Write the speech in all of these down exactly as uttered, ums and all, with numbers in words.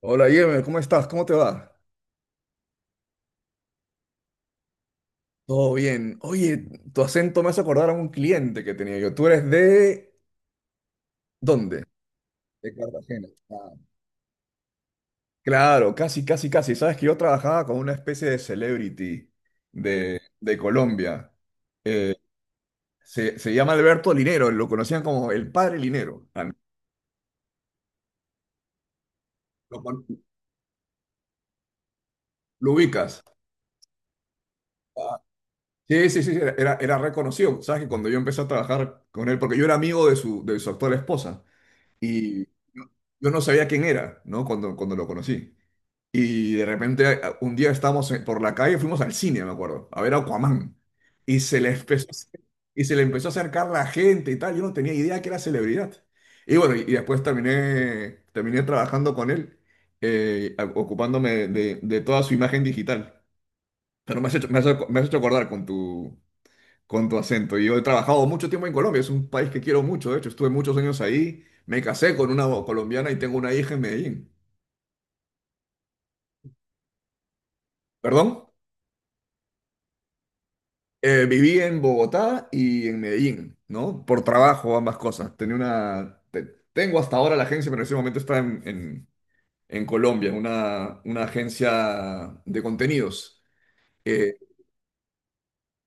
Hola, Yeme, ¿cómo estás? ¿Cómo te va? Todo bien. Oye, tu acento me hace acordar a un cliente que tenía yo. ¿Tú eres de dónde? De Cartagena. Ah, claro, casi, casi, casi. Sabes que yo trabajaba con una especie de celebrity de, de Colombia. Eh, se, se llama Alberto Linero, lo conocían como el padre Linero. Ah. ¿Lo, con- lo ubicas? Sí, sí, sí, era, era era reconocido. Sabes que cuando yo empecé a trabajar con él, porque yo era amigo de su, de su actual esposa. Y yo yo no sabía quién era, ¿no? Cuando, cuando lo conocí. Y de repente a- un día estábamos en- por la calle, fuimos al cine, me acuerdo, a ver Aquaman. Y se le empezó, a hacer- y se le empezó a acercar la gente y tal. Yo no tenía idea que era celebridad. Y bueno, y, y después terminé, terminé trabajando con él, eh, a- ocupándome de, de toda su imagen digital. Pero me has hecho, me has, ac- me has hecho acordar con tu, con tu acento. Y yo he trabajado mucho tiempo en Colombia, es un país que quiero mucho; de hecho, estuve muchos años ahí, me casé con una colombiana y tengo una hija en Medellín. Perdón. Eh, viví en Bogotá y en Medellín, ¿no? Por trabajo, ambas cosas. Tenía una... te- tengo hasta ahora la agencia, pero en ese momento está en, en, en Colombia, una, una agencia de contenidos. Eh,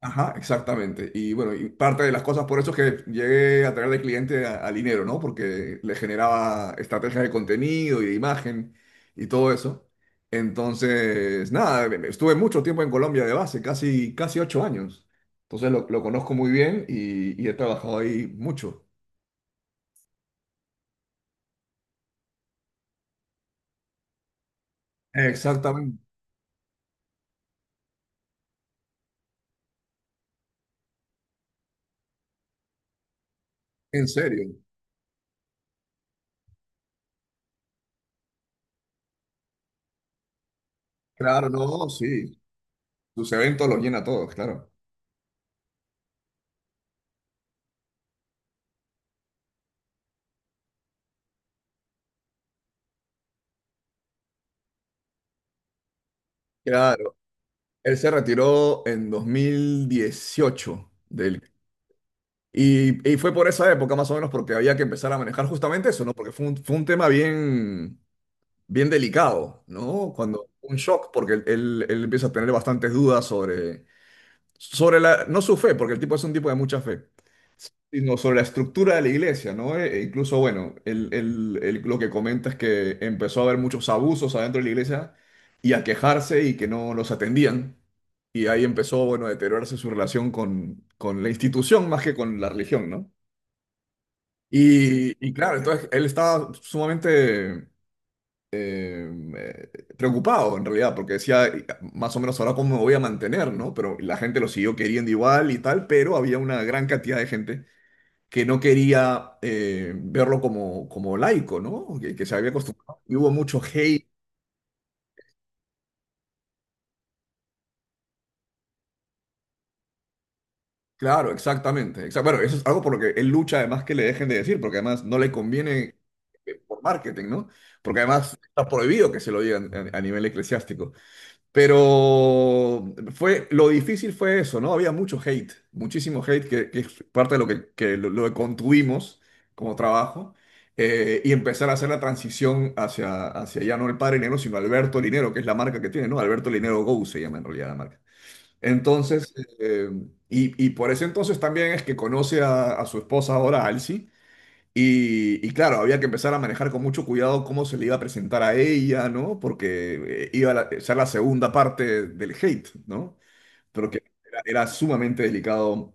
Ajá, exactamente. Y bueno, y parte de las cosas por eso es que llegué a traer de cliente a, a Linero, ¿no? Porque le generaba estrategias de contenido y de imagen y todo eso. Entonces, nada, me- me- estuve mucho tiempo en Colombia de base, casi, casi ocho años. Entonces lo, lo conozco muy bien y, y he trabajado ahí mucho. Exactamente, en serio. Claro, no, sí. Sus eventos los llena a todos, claro. Claro, él se retiró en dos mil dieciocho del... Y, y fue por esa época más o menos porque había que empezar a manejar justamente eso, ¿no? Porque fue un, fue un tema bien, bien delicado, ¿no? Cuando un shock, porque él, él- él empieza a tener bastantes dudas sobre, sobre la, no su fe, porque el tipo es un tipo de mucha fe, sino sobre la estructura de la iglesia, ¿no? E- e incluso, bueno, él, él- él lo que comenta es que empezó a haber muchos abusos adentro de la iglesia y a quejarse y que no los atendían. Y ahí empezó, bueno, a deteriorarse su relación con, con la institución más que con la religión, ¿no? Y, y claro, entonces él estaba sumamente em, eh, preocupado en realidad, porque decía, más o menos ahora cómo me voy a mantener, ¿no? Pero la gente lo siguió queriendo igual y tal, pero había una gran cantidad de gente que no quería eh, verlo como, como laico, ¿no? Que, que se había acostumbrado. Y hubo mucho hate. Claro, exactamente. Exa- bueno, eso es algo por lo que él lucha, además que le dejen de decir, porque además no le conviene eh, por marketing, ¿no? Porque además está prohibido que se lo digan a a nivel eclesiástico. Pero fue, lo difícil fue eso, ¿no? Había mucho hate, muchísimo hate, que, que es parte de lo que, que lo, lo que construimos como trabajo, eh, y empezar a hacer la transición hacia, hacia ya no el Padre Linero, sino Alberto Linero, que es la marca que tiene, ¿no? Alberto Linero Go se llama en realidad la marca. Entonces, eh, y, y por ese entonces también es que conoce a, a su esposa ahora, Alci, y, y claro, había que empezar a manejar con mucho cuidado cómo se le iba a presentar a ella, ¿no? Porque eh, iba a la- ser la segunda parte del hate, ¿no? Pero que era, era sumamente delicado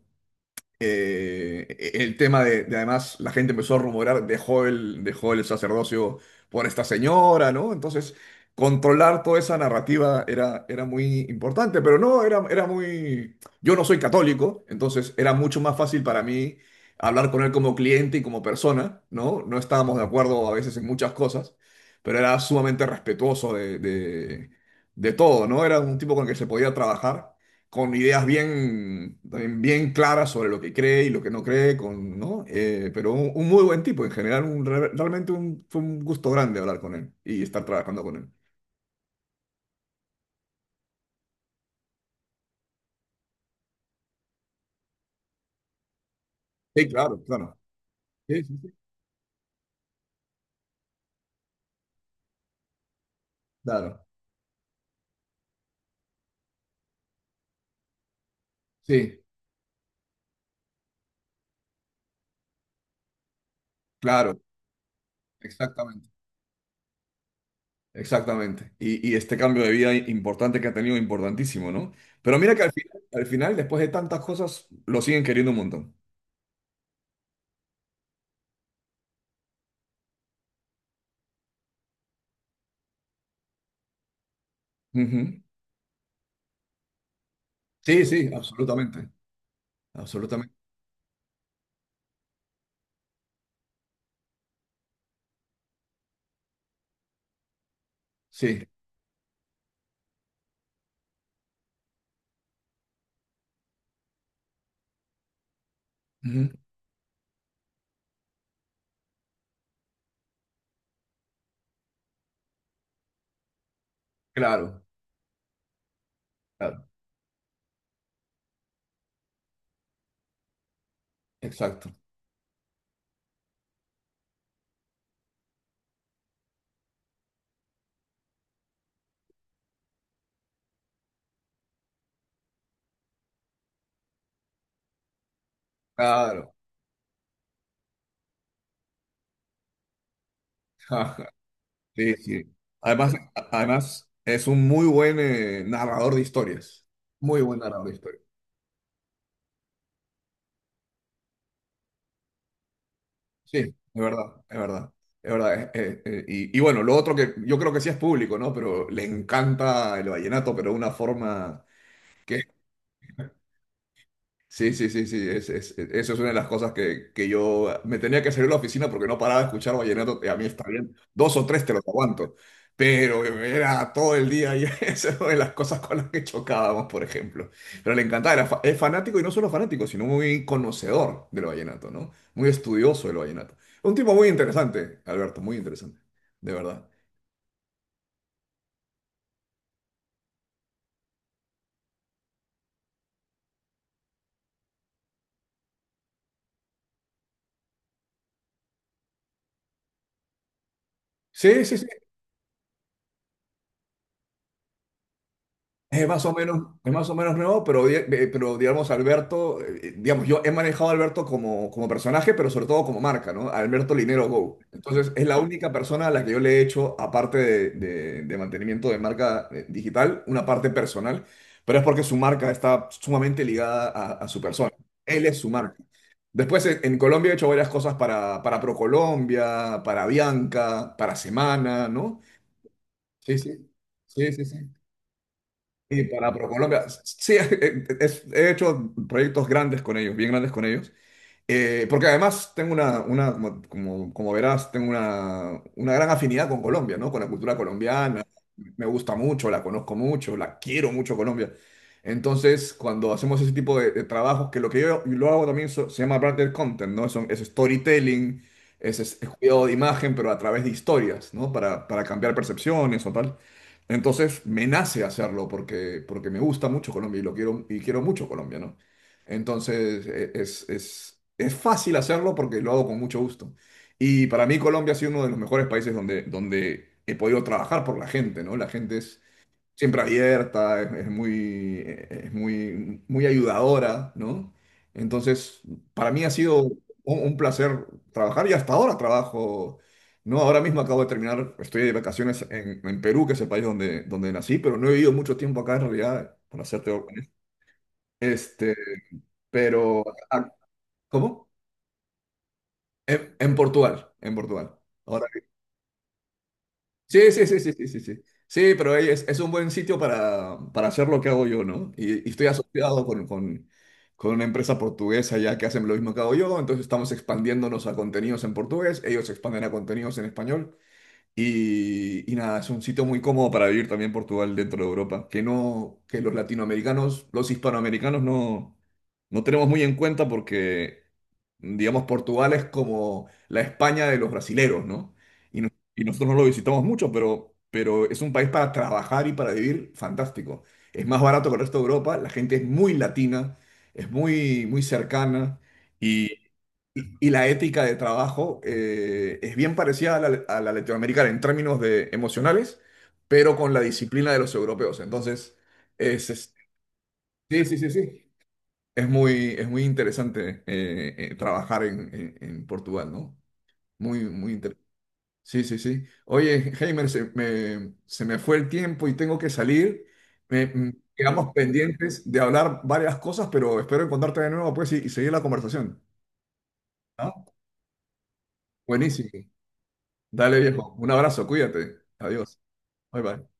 eh, el tema de, de, además, la gente empezó a rumorar, dejó el, dejó el sacerdocio por esta señora, ¿no? Entonces, controlar toda esa narrativa era, era muy importante, pero no, era, era muy... Yo no soy católico, entonces era mucho más fácil para mí hablar con él como cliente y como persona, ¿no? No estábamos de acuerdo a veces en muchas cosas, pero era sumamente respetuoso de, de, de todo, ¿no? Era un tipo con el que se podía trabajar con ideas bien, también bien claras sobre lo que cree y lo que no cree, con, ¿no? Eh, pero un, un muy buen tipo en general, un re- realmente un- fue un gusto grande hablar con él y estar trabajando con él. Sí, claro, claro. Sí, sí, sí. Claro, sí, claro, exactamente. Exactamente. Y, y este cambio de vida importante que ha tenido, importantísimo, ¿no? Pero mira que al final, al final, después de tantas cosas, lo siguen queriendo un montón. Ujú. Sí, sí, absolutamente. Absolutamente. Sí. Ujú. Claro, claro. Exacto. Claro. Sí, sí. Además, a- además es un muy buen eh, narrador de historias. Muy buen narrador de historias. Sí, es verdad, es verdad. Es verdad. Eh, eh, eh, y, y bueno, lo otro que yo creo que sí es público, ¿no? Pero le encanta el vallenato, pero de una forma que... Sí, sí, sí, sí, es, es- es- eso es una de las cosas que, que yo ah, me tenía que salir de la oficina porque no paraba de escuchar vallenato, y a mí está bien, dos o tres te los aguanto, pero era todo el día y esa es una de las cosas con las que chocábamos, por ejemplo. Pero le encantaba, era fa- es fanático y no solo fanático, sino muy conocedor del vallenato, ¿no? Muy estudioso del vallenato. Un tipo muy interesante, Alberto, muy interesante, de verdad. Sí, sí, sí. Es más o menos, es más o menos nuevo, pero, di- eh, pero digamos, Alberto, eh, digamos, yo he manejado a Alberto como, como personaje, pero sobre todo como marca, ¿no? Alberto Linero Go. Entonces, es la única persona a la que yo le he hecho, aparte de, de- de mantenimiento de marca eh, digital, una parte personal, pero es porque su marca está sumamente ligada a, a su persona. Él es su marca. Después, en, en Colombia he hecho varias cosas para, para ProColombia, para Bianca, para Semana, ¿no? Sí, sí. Sí, sí, sí. Y para ProColombia, sí, he he hecho proyectos grandes con ellos, bien grandes con ellos, eh, porque además tengo una, una como, como, como, verás, tengo una, una gran afinidad con Colombia, ¿no? Con la cultura colombiana, me gusta mucho, la conozco mucho, la quiero mucho Colombia. Entonces, cuando hacemos ese tipo de, de trabajos, que lo que yo, yo lo hago también so- se llama branded content, ¿no? Son- Es, storytelling, es, es- es cuidado de imagen, pero a través de historias, ¿no? Para, para cambiar percepciones o tal. Entonces, me nace hacerlo porque, porque me gusta mucho Colombia y lo quiero, y quiero mucho Colombia, ¿no? Entonces, e- es, es, es fácil hacerlo porque lo hago con mucho gusto. Y para mí Colombia ha sido uno de los mejores países donde, donde he podido trabajar por la gente, ¿no? La gente es siempre abierta, es, es muy, es muy, muy ayudadora, ¿no? Entonces, para mí ha sido un, un placer trabajar y hasta ahora trabajo, ¿no? Ahora mismo acabo de terminar, estoy de vacaciones en, en Perú, que es el país donde, donde nací, pero no he vivido mucho tiempo acá en realidad, para serte honesto. Este, pero, ah, ¿cómo? En, en Portugal, en Portugal. Ahora sí, sí, sí, sí, sí, sí, sí. Sí, pero ahí es, es un buen sitio para, para hacer lo que hago yo, ¿no? Y, y estoy asociado con, con, con una empresa portuguesa ya que hacen lo mismo que hago yo, entonces estamos expandiéndonos a contenidos en portugués, ellos se expanden a contenidos en español. Y, y nada, es un sitio muy cómodo para vivir también Portugal dentro de Europa, que no, que los latinoamericanos, los hispanoamericanos no, no tenemos muy en cuenta porque, digamos, Portugal es como la España de los brasileros, ¿no? Y, no- y nosotros no lo visitamos mucho, pero, pero es un país para trabajar y para vivir fantástico. Es más barato que el resto de Europa, la gente es muy latina, es muy, muy cercana y la ética de trabajo eh, es bien parecida a la, a la latinoamericana en términos de emocionales, pero con la disciplina de los europeos. Entonces, es, es- sí, sí, sí, sí. Es muy, es muy interesante eh, eh, trabajar en, en- en Portugal, ¿no? Muy, muy interesante. Sí, sí, sí. Oye, Heimer, se me, se me fue el tiempo y tengo que salir. Me- mm, quedamos pendientes de hablar varias cosas, pero espero encontrarte de nuevo, pues, y, y seguir la conversación. ¿No? Buenísimo. Dale, viejo. Un abrazo, cuídate. Adiós. Bye bye.